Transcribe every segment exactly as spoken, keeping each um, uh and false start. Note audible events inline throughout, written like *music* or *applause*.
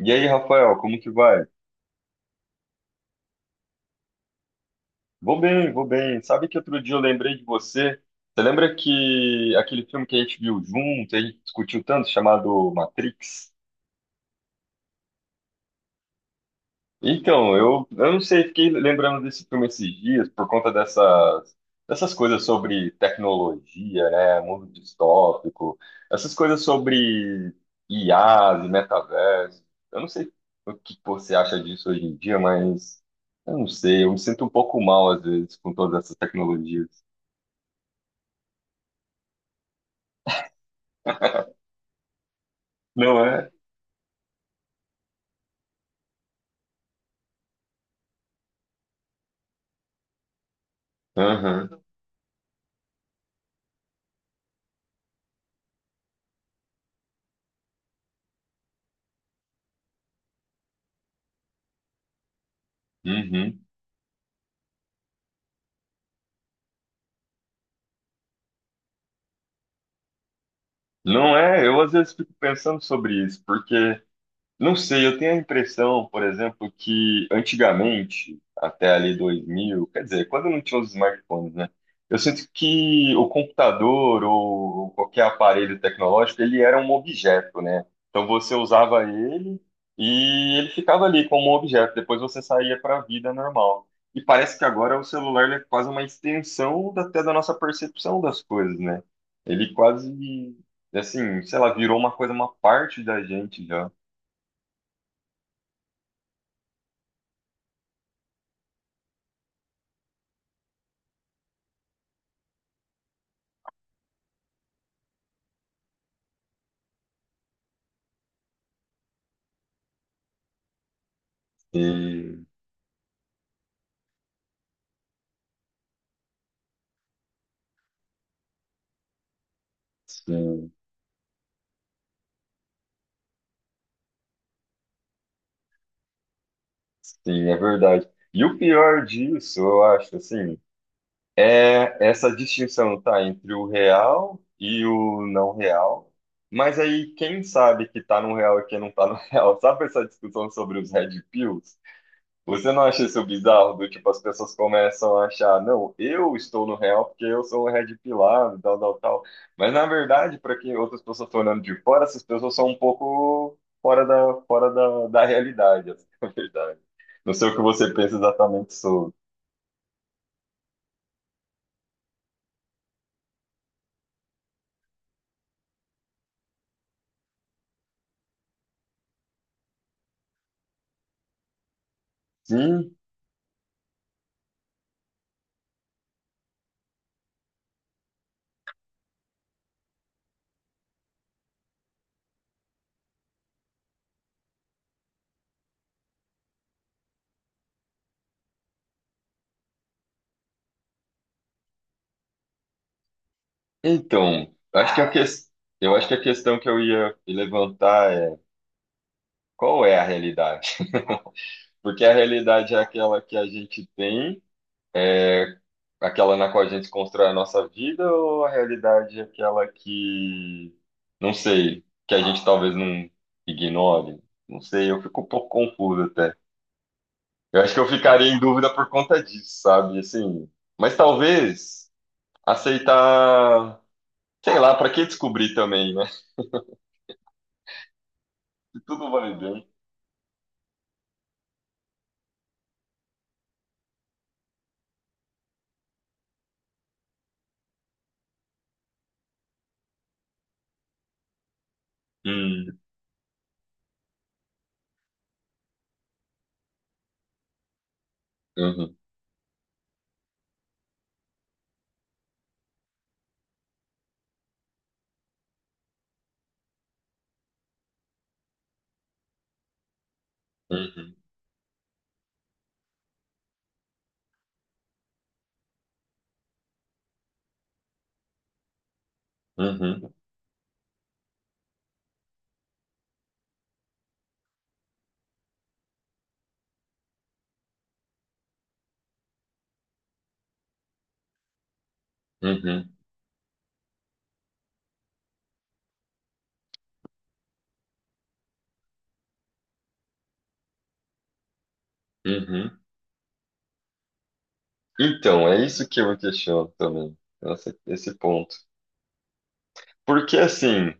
E aí, Rafael, como que vai? Vou bem, vou bem. Sabe que outro dia eu lembrei de você? Você lembra que aquele filme que a gente viu junto, a gente discutiu tanto, chamado Matrix? Então, eu, eu não sei, fiquei lembrando desse filme esses dias por conta dessas, dessas coisas sobre tecnologia, né, mundo distópico, essas coisas sobre I As e metaverso. Eu não sei o que você acha disso hoje em dia, mas eu não sei, eu me sinto um pouco mal às vezes com todas essas tecnologias. Não é? Aham, uhum. Não é? Eu às vezes fico pensando sobre isso, porque não sei, eu tenho a impressão, por exemplo, que antigamente, até ali dois mil, quer dizer, quando não tinha os smartphones, né? Eu sinto que o computador ou qualquer aparelho tecnológico, ele era um objeto, né? Então você usava ele e ele ficava ali como um objeto, depois você saía para a vida normal. E parece que agora o celular ele é quase uma extensão da- até da nossa percepção das coisas, né? Ele quase, assim, sei lá, virou uma coisa, uma parte da gente já. Sim, sim, sim, é verdade. E o pior disso, eu acho, assim, é essa distinção, tá, entre o real e o não real. Mas aí, quem sabe que tá no real e quem não tá no *laughs* real? Sabe essa discussão sobre os Red Pills? Você não acha isso bizarro? Do tipo, as pessoas começam a achar, não, eu estou no real porque eu sou um red pilado, tal, tal, tal. Mas na verdade, para quem outras pessoas estão olhando de fora, essas pessoas são um pouco fora da, fora da, da realidade, *laughs* essa é a verdade. Não sei o que você pensa exatamente sobre. Sim, então, acho que a que... eu acho que a questão que eu ia levantar é qual é a realidade? *laughs* Porque a realidade é aquela que a gente tem. É aquela na qual a gente constrói a nossa vida ou a realidade é aquela que, não sei, que a gente talvez não ignore? Não sei, eu fico um pouco confuso até. Eu acho que eu ficaria em dúvida por conta disso, sabe? Assim, mas talvez aceitar, sei lá, para que descobrir também, né? *laughs* Se tudo vale bem. Hum, uhum, uhum, uhum, uhum, uhum. Então, é isso que eu me questiono também. Nossa, esse ponto. Porque assim,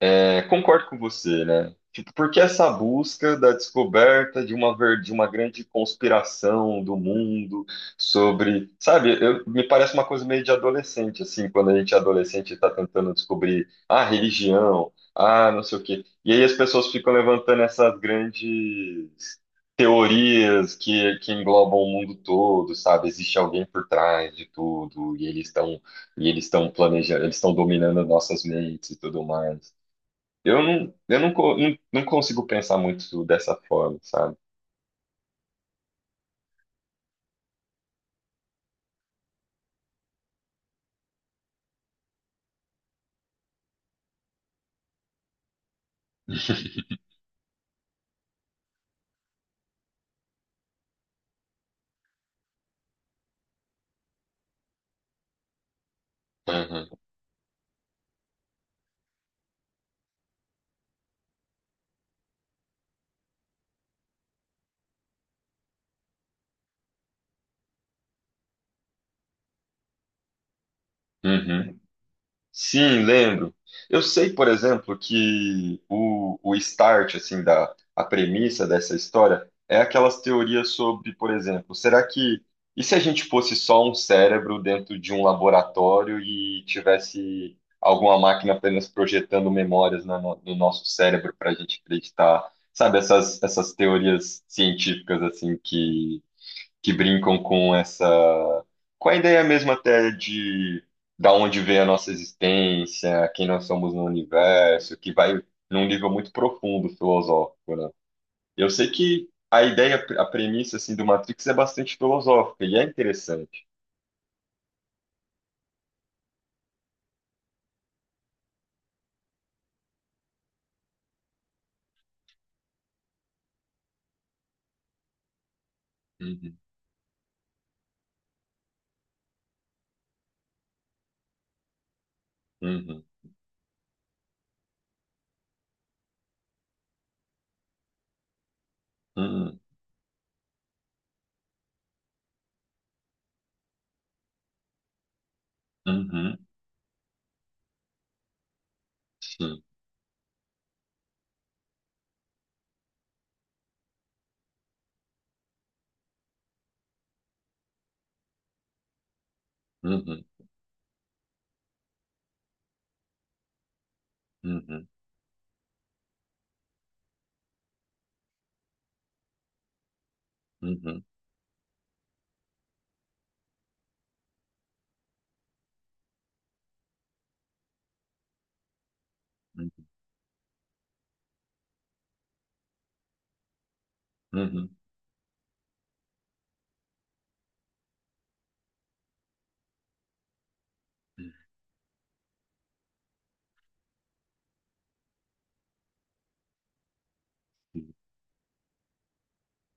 é, concordo com você, né? Tipo, porque essa busca da descoberta de uma ver- de uma grande conspiração do mundo sobre, sabe, eu- me parece uma coisa meio de adolescente, assim, quando a gente é adolescente e tá tentando descobrir a religião, ah, não sei o quê. E aí as pessoas ficam levantando essas grandes teorias que, que englobam o mundo todo, sabe? Existe alguém por trás de tudo, e eles estão e eles estão planejando, eles estão dominando nossas mentes e tudo mais. Eu não, eu não, co- não, não consigo pensar muito dessa forma, sabe? Aham, uhum. Sim, lembro. Eu sei, por exemplo, que o, o start, assim, da, a premissa dessa história é aquelas teorias sobre, por exemplo, será que, e se a gente fosse só um cérebro dentro de um laboratório e tivesse alguma máquina apenas projetando memórias na no, no nosso cérebro para a gente acreditar? Sabe, essas, essas teorias científicas, assim, que que brincam com essa, com a ideia mesmo até de da onde vem a nossa existência, quem nós somos no universo, que vai num nível muito profundo filosófico, né? Eu sei que a ideia, a premissa assim do Matrix é bastante filosófica e é interessante. Uhum, uhum, uhum, uhum, sim, uhum, uhum, uhum, uhum, uhum.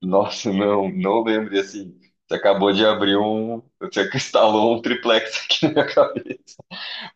Nossa, não, não lembro. E assim, você acabou de abrir um. Você *laughs* instalou um triplex aqui na minha cabeça.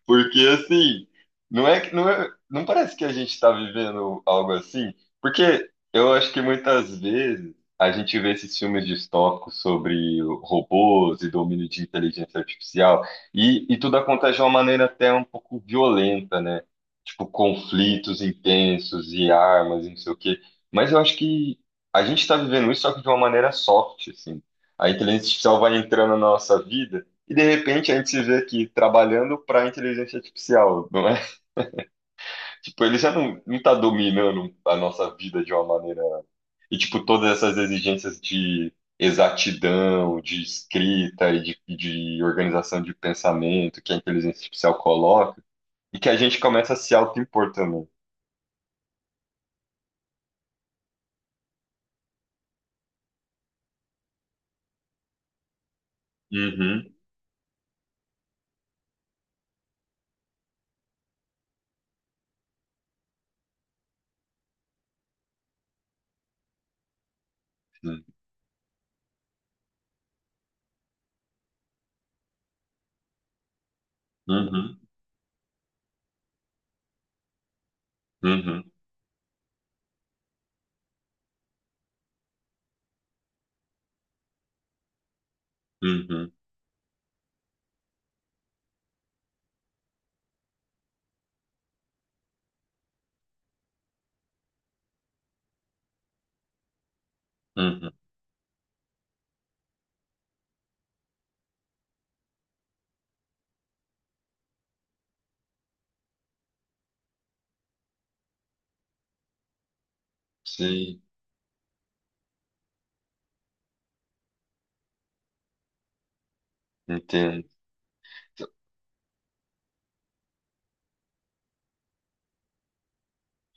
Porque assim, não é que não é, não parece que a gente está vivendo algo assim, porque eu acho que muitas vezes a gente vê esses filmes distópicos sobre robôs e domínio de inteligência artificial e, e tudo acontece de uma maneira até um pouco violenta, né? Tipo, conflitos intensos e armas e não sei o quê. Mas eu acho que a gente está vivendo isso só que de uma maneira soft, assim. A inteligência artificial vai entrando na nossa vida e de repente a gente se vê aqui trabalhando para inteligência artificial, não é? *laughs* Tipo, ele já não, não tá dominando a nossa vida de uma maneira. E, tipo, todas essas exigências de exatidão, de escrita e de, e de organização de pensamento que a inteligência artificial coloca, e que a gente começa a se auto-impor também. Uhum, uhum, uhum, uhum, uhum, uhum. Sim, entendo.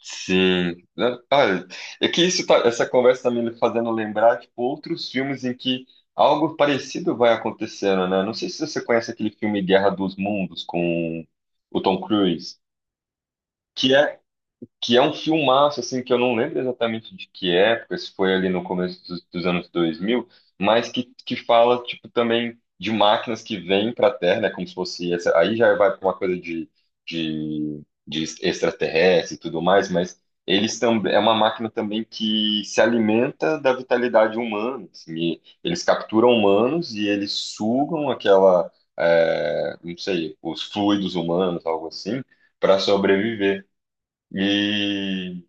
Sim, né? Olha, é que isso tá, essa conversa tá me fazendo lembrar, tipo, outros filmes em que algo parecido vai acontecendo, né? Não sei se você conhece aquele filme Guerra dos Mundos com o Tom Cruise, que é que é um filmaço, assim, que eu não lembro exatamente de que época, se foi ali no começo dos, dos anos dois mil, mas que, que fala, tipo, também de máquinas que vêm para a Terra, né, como se fosse, essa, aí já vai para uma coisa de, de, de extraterrestre e tudo mais, mas eles também, é uma máquina também que se alimenta da vitalidade humana, assim, e eles capturam humanos e eles sugam aquela, é, não sei, os fluidos humanos, algo assim, para sobreviver. E,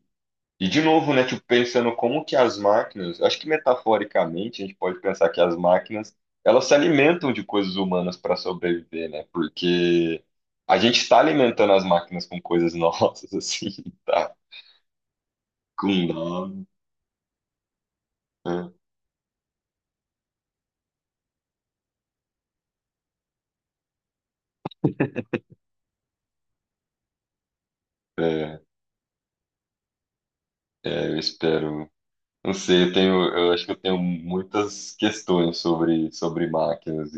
e de novo, né, tipo, pensando como que as máquinas, acho que metaforicamente a gente pode pensar que as máquinas, elas se alimentam de coisas humanas para sobreviver, né? Porque a gente está alimentando as máquinas com coisas nossas, *laughs* assim, tá? Com nome, né? É, é, eu espero. Não sei, eu tenho, eu acho que eu tenho muitas questões sobre, sobre, máquinas.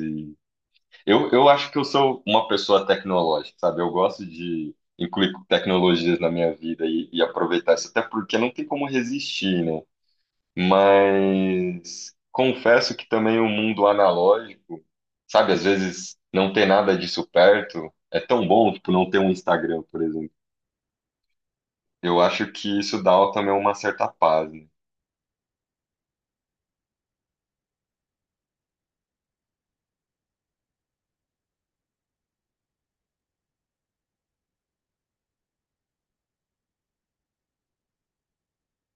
Eu, eu acho que eu sou uma pessoa tecnológica, sabe? Eu gosto de incluir tecnologias na minha vida e, e aproveitar isso, até porque não tem como resistir, né? Mas confesso que também o mundo analógico, sabe? Às vezes não ter nada disso perto é tão bom, tipo, não ter um Instagram, por exemplo. Eu acho que isso dá também uma certa paz, né?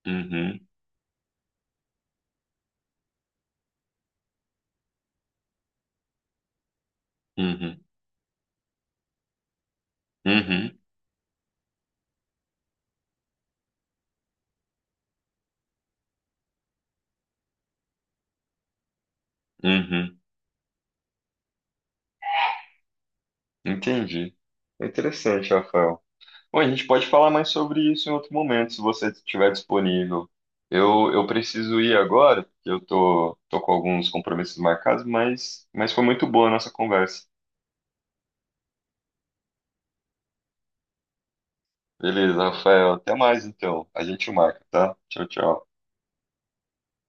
Uhum, uhum, uhum, uhum. Entendi. É interessante, Rafael. Bom, a gente pode falar mais sobre isso em outro momento, se você estiver disponível. Eu, eu preciso ir agora, porque eu tô, tô com alguns compromissos marcados, mas, mas foi muito boa a nossa conversa. Beleza, Rafael, até mais então. A gente marca, tá? Tchau, tchau.